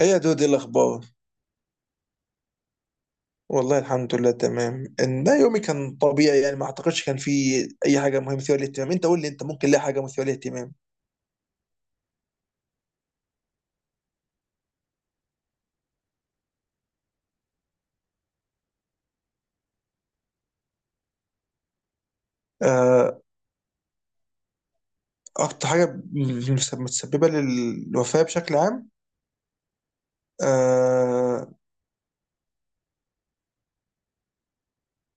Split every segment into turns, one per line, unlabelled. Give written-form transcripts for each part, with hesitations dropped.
ايه يا دود، ايه الاخبار؟ والله الحمد لله، تمام. ان ده يومي كان طبيعي يعني، ما اعتقدش كان في اي حاجه مهمه مثيره للاهتمام. انت قول لي، انت ممكن ليه حاجه مثيره للاهتمام. آه، اكتر حاجه متسببه للوفاه بشكل عام. آه،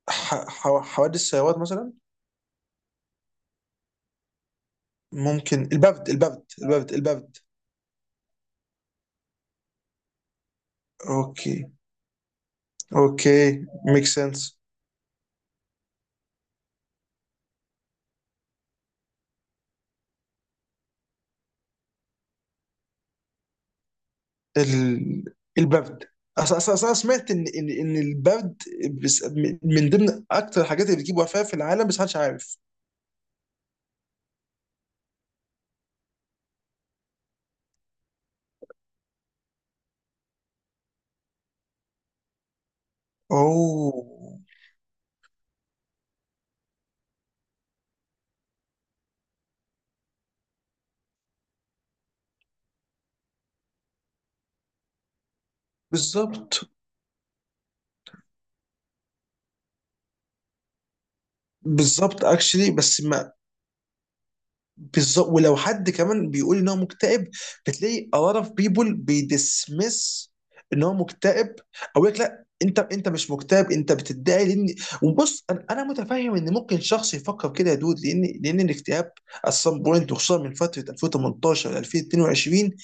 حوادث السيارات مثلا. ممكن البرد البرد البرد البرد. اوكي، اوكي، ميك سنس. ال... البرد. اصلا اصلا أصلاً سمعت ان البرد بس- من ضمن اكتر الحاجات اللي بتجيب وفاه في العالم، بس محدش عارف. اوه. بالظبط، بالظبط اكشلي، بس ما... بالظبط، ولو حد كمان بيقول ان هو مكتئب، بتلاقي a lot of people بيدسمس ان هو مكتئب، او يقول لك لا، انت مش مكتئب، انت بتدعي، لان... وبص، أنا متفهم ان ممكن شخص يفكر كده يا دود، لان الاكتئاب at some point، وخصوصا من فتره 2018 ل 2022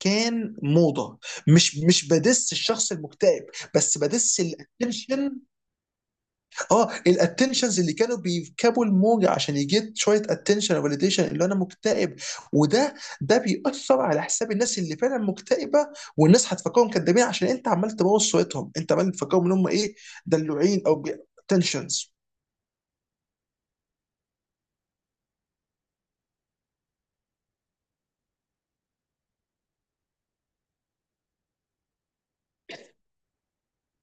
كان موضه. مش بدس الشخص المكتئب، بس بدس الاتنشن. اه، الاتنشنز اللي كانوا بيركبوا الموجه عشان يجيت شويه اتنشن وفاليديشن اللي انا مكتئب، وده ده بيأثر على حساب الناس اللي فعلا مكتئبه. والناس هتفكرهم كدابين، عشان انت عمال تبوظ صورتهم، انت عمال تفكرهم ان هم ايه، دلوعين او تنشنز.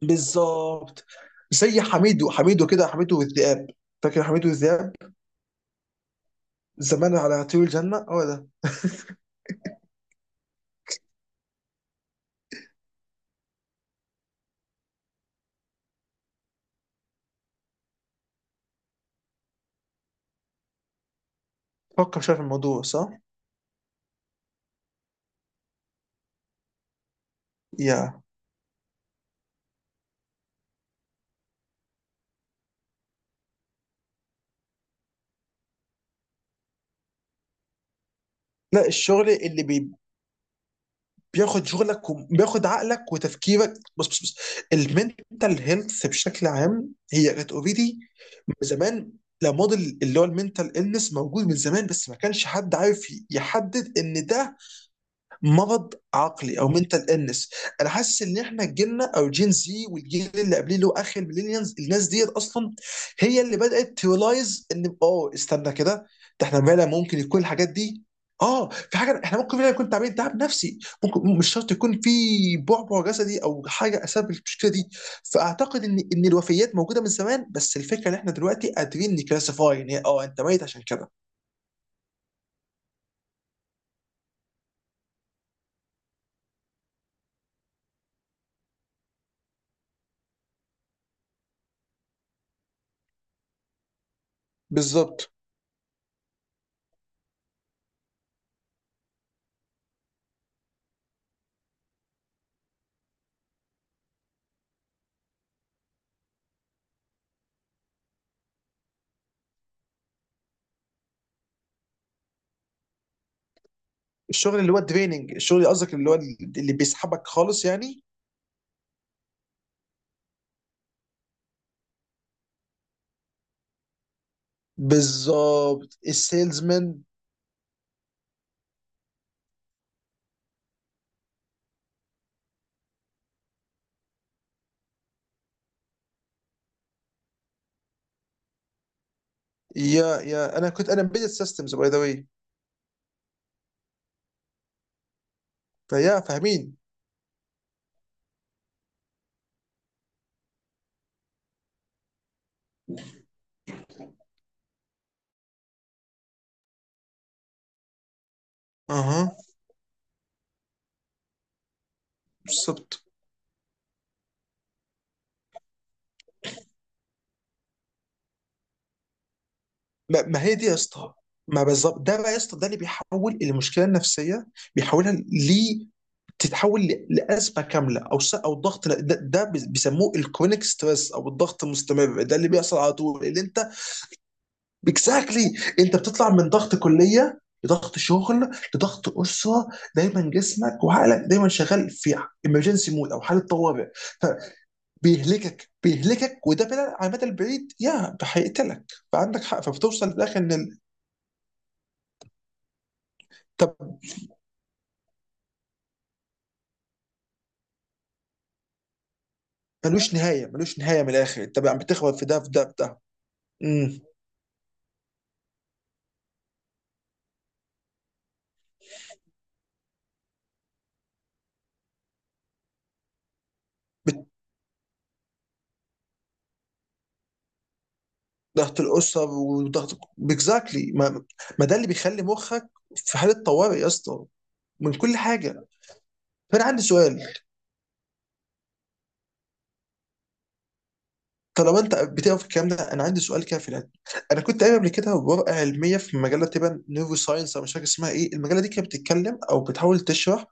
بالظبط، زي حميدو، حميدو كده، حميدو والذئاب. فاكر حميدو والذئاب؟ زمان على طيور الجنه، هو ده. فكر شويه في الموضوع صح؟ يا لا، الشغل اللي بي... بياخد شغلك وبياخد عقلك وتفكيرك. بص بص بص، المنتال هيلث بشكل عام هي كانت اوريدي من زمان. لا، موديل اللي هو المنتال النس موجود من زمان، بس ما كانش حد عارف يحدد ان ده مرض عقلي او منتال النس. انا حاسس ان احنا جيلنا، او جين زي، والجيل اللي قبليه اللي هو اخر الميلينيالز، الناس ديت اصلا هي اللي بدات تريلايز ان، استنى كده، ده احنا فعلا ممكن يكون الحاجات دي، اه في حاجه، احنا ممكن فعلا يكون تعبين تعب نفسي، ممكن مش شرط يكون في بعبع جسدي او حاجه اسبب المشكله دي. فاعتقد ان الوفيات موجوده من زمان، بس الفكره ان احنا دلوقتي قادرين نكلاسيفاي ان هي، انت ميت عشان كده. بالظبط. الشغل اللي هو الدريننج، الشغل اللي قصدك، اللي هو اللي بيسحبك خالص يعني. بالظبط، السيلزمان. يا انا كنت، انا امبيدد سيستمز باي ذا واي. فيا فاهمين. اها. بالظبط. ما هي دي يا اسطى، ما بالظبط ده بقى يا اسطى. ده اللي بيحول المشكله النفسيه، بيحولها ل... تتحول لازمه كامله، او او ضغط. ده بيسموه الكرونيك ستريس او الضغط المستمر، ده اللي بيحصل على طول اللي انت... اكزاكتلي. انت بتطلع من ضغط كليه لضغط شغل لضغط اسره. دايما جسمك وعقلك دايما شغال في ايمرجنسي مود او حاله طوارئ. فبيهلكك بيهلكك، وده بلا على المدى البعيد يا هيقتلك. فعندك حق. فبتوصل في الاخر ان طب ملوش نهايه، ملوش نهايه من الاخر، انت بقى بتخبط في ده، في ده، في ده. امم ضغط الاسره وضغط... اكزاكتلي. ما ده اللي بيخلي مخك في حاله طوارئ يا اسطى، من كل حاجه. فانا عندي سؤال. طالما انت بتقرا في الكلام ده، انا عندي سؤال كده في العلم. انا كنت قايل قبل كده، ورقه علميه في مجله تبقى نيرو ساينس، او مش فاكر اسمها ايه، المجله دي كانت بتتكلم او بتحاول تشرح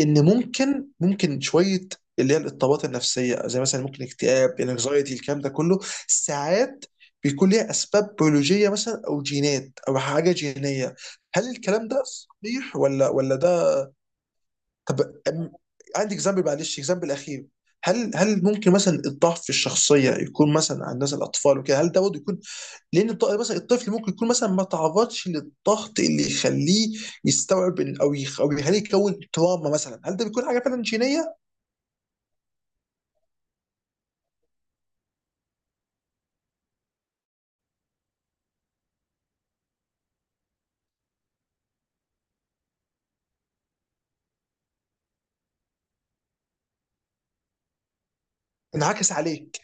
ان ممكن، شويه اللي هي الاضطرابات النفسيه، زي مثلا ممكن اكتئاب، انكزايتي، الكلام ده كله، ساعات بيكون ليها اسباب بيولوجيه مثلا، او جينات او حاجه جينيه. هل الكلام ده صحيح، ولا ده؟ طب أم- عندي اكزامبل، معلش اكزامبل اخير. هل ممكن مثلا الضعف في الشخصيه يكون مثلا عند مثلا الاطفال وكده؟ هل ده برضه يكون، لان مثلا الطفل ممكن يكون مثلا ما تعرضش للضغط اللي يخليه يستوعب، او يخليه يكون تراما مثلا، هل ده بيكون حاجه فعلا جينيه؟ انعكس عليك.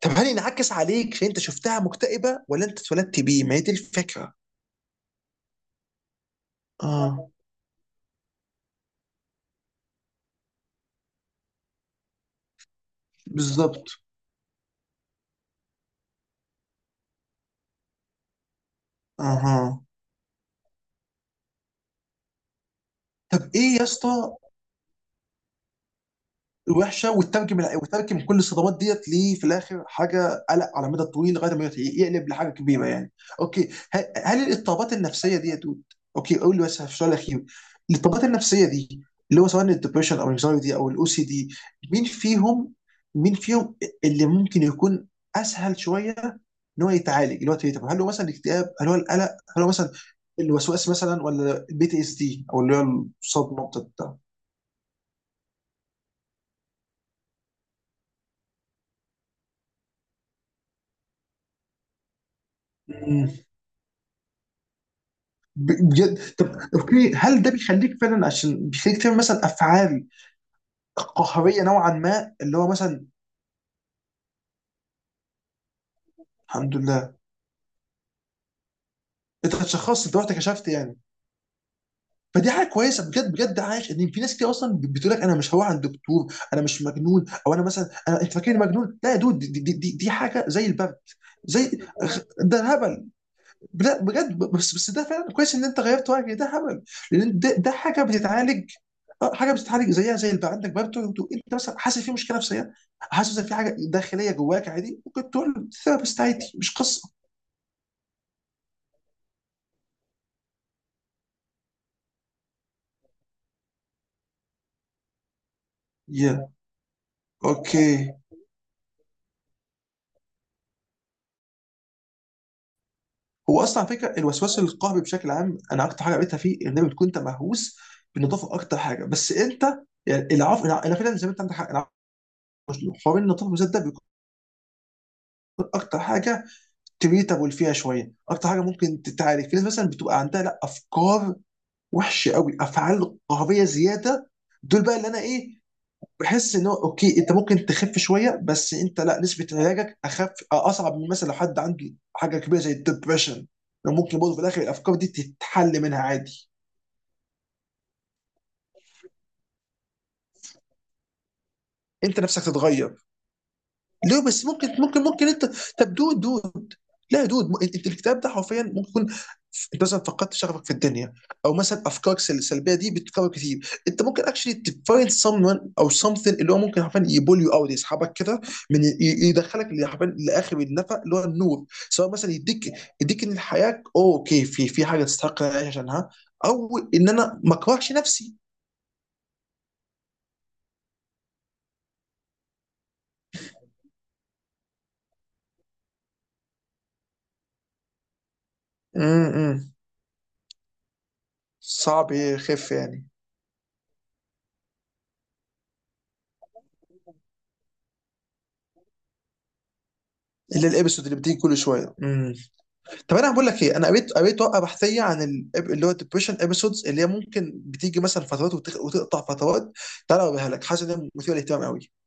طب هل انعكس عليك عشان انت شفتها مكتئبه، ولا انت اتولدت بيه؟ ما هي دي الفكره. اه. بالظبط. اها. طب ايه يا اسطى، وحشه وترجم وترجم كل الصدمات ديت، ليه في الاخر حاجه، قلق على المدى الطويل لغايه ما يقلب لحاجه كبيره يعني. اوكي، هل الاضطرابات النفسيه ديت... اوكي، قول لي بس في السؤال الاخير. الاضطرابات النفسيه دي، اللي هو سواء الدبريشن او الانكزايتي او الاو سي دي، مين فيهم، مين فيهم اللي ممكن يكون اسهل شويه ان هو يتعالج؟ اللي هو طب، هل هو مثلا الاكتئاب، هل هو القلق، هل هو مثلا الوسواس مثلا، ولا البي تي اس دي او اللي هو الصدمه بتاعت... بجد؟ طب اوكي، هل ده بيخليك فعلا، عشان بيخليك تعمل مثلا افعال قهريه نوعا ما، اللي هو مثلا... الحمد لله. انت اتشخصت، انت رحت كشفت يعني؟ فدي حاجه كويسه بجد بجد. عايش ان في ناس كتير اصلا بتقول لك انا مش هروح عند دكتور، انا مش مجنون، او انا مثلا، انا، انت فاكرني مجنون؟ لا يا دود، دي حاجه زي البرد، زي... ده هبل. لا بجد، بس ده فعلا كويس ان انت غيرت رايك، ده هبل. لان ده حاجه بتتعالج، حاجه بتتعالج زيها زي اللي بقى عندك برضه. انت مثلا حاسس في مشكله نفسيه، حاسس ان في حاجه داخليه جواك، عادي ممكن تقول ثيرابيست، عادي مش قصه. يا، اوكي. هو اصلا على فكره الوسواس القهري بشكل عام، انا اكتر حاجه قريتها فيه ان بتكون انت مهووس بالنظافه اكتر حاجه. بس انت يعني العفو، انا فعلا زي ما انت، عندك حق. حوار النظافه بالذات ده بيكون اكتر حاجه تريتابل فيها شويه، اكتر حاجه ممكن تتعالج. في ناس مثلا بتبقى عندها لا افكار وحشه قوي، افعال قهريه زياده، دول بقى اللي انا ايه، بحس ان هو اوكي انت ممكن تخف شويه، بس انت لا، نسبه علاجك اخف، اصعب من مثلا لو حد عنده حاجه كبيره زي الدبريشن. لو ممكن برضه في الاخر الافكار دي تتحل منها عادي. انت نفسك تتغير، ليه بس؟ ممكن ممكن انت، طب دو دو لا يا دود، انت الكتاب ده حرفيا ممكن يكون انت مثلا فقدت شغفك في الدنيا، او مثلا افكارك السلبيه دي بتتكرر كتير، انت ممكن اكشلي تفايند someone او something اللي هو ممكن حرفيا يبول يو اوت، يسحبك كده من يدخلك اللي حرفيا لاخر النفق اللي هو النور، سواء مثلا يديك، يديك ان الحياه اوكي، في حاجه تستحق إن أنا اعيش عشانها، او ان انا ما اكرهش نفسي. امم. صعب يخف يعني، الا الابيسود اللي بتيجي كل شويه. طب انا بقول لك ايه، انا قريت ورقه بحثيه عن اللي هو الدبريشن ابيسودز، اللي هي ممكن بتيجي مثلا فترات، وتقطع فترات. تعالى اوريها لك، حاسس ان هي مثيره للاهتمام قوي.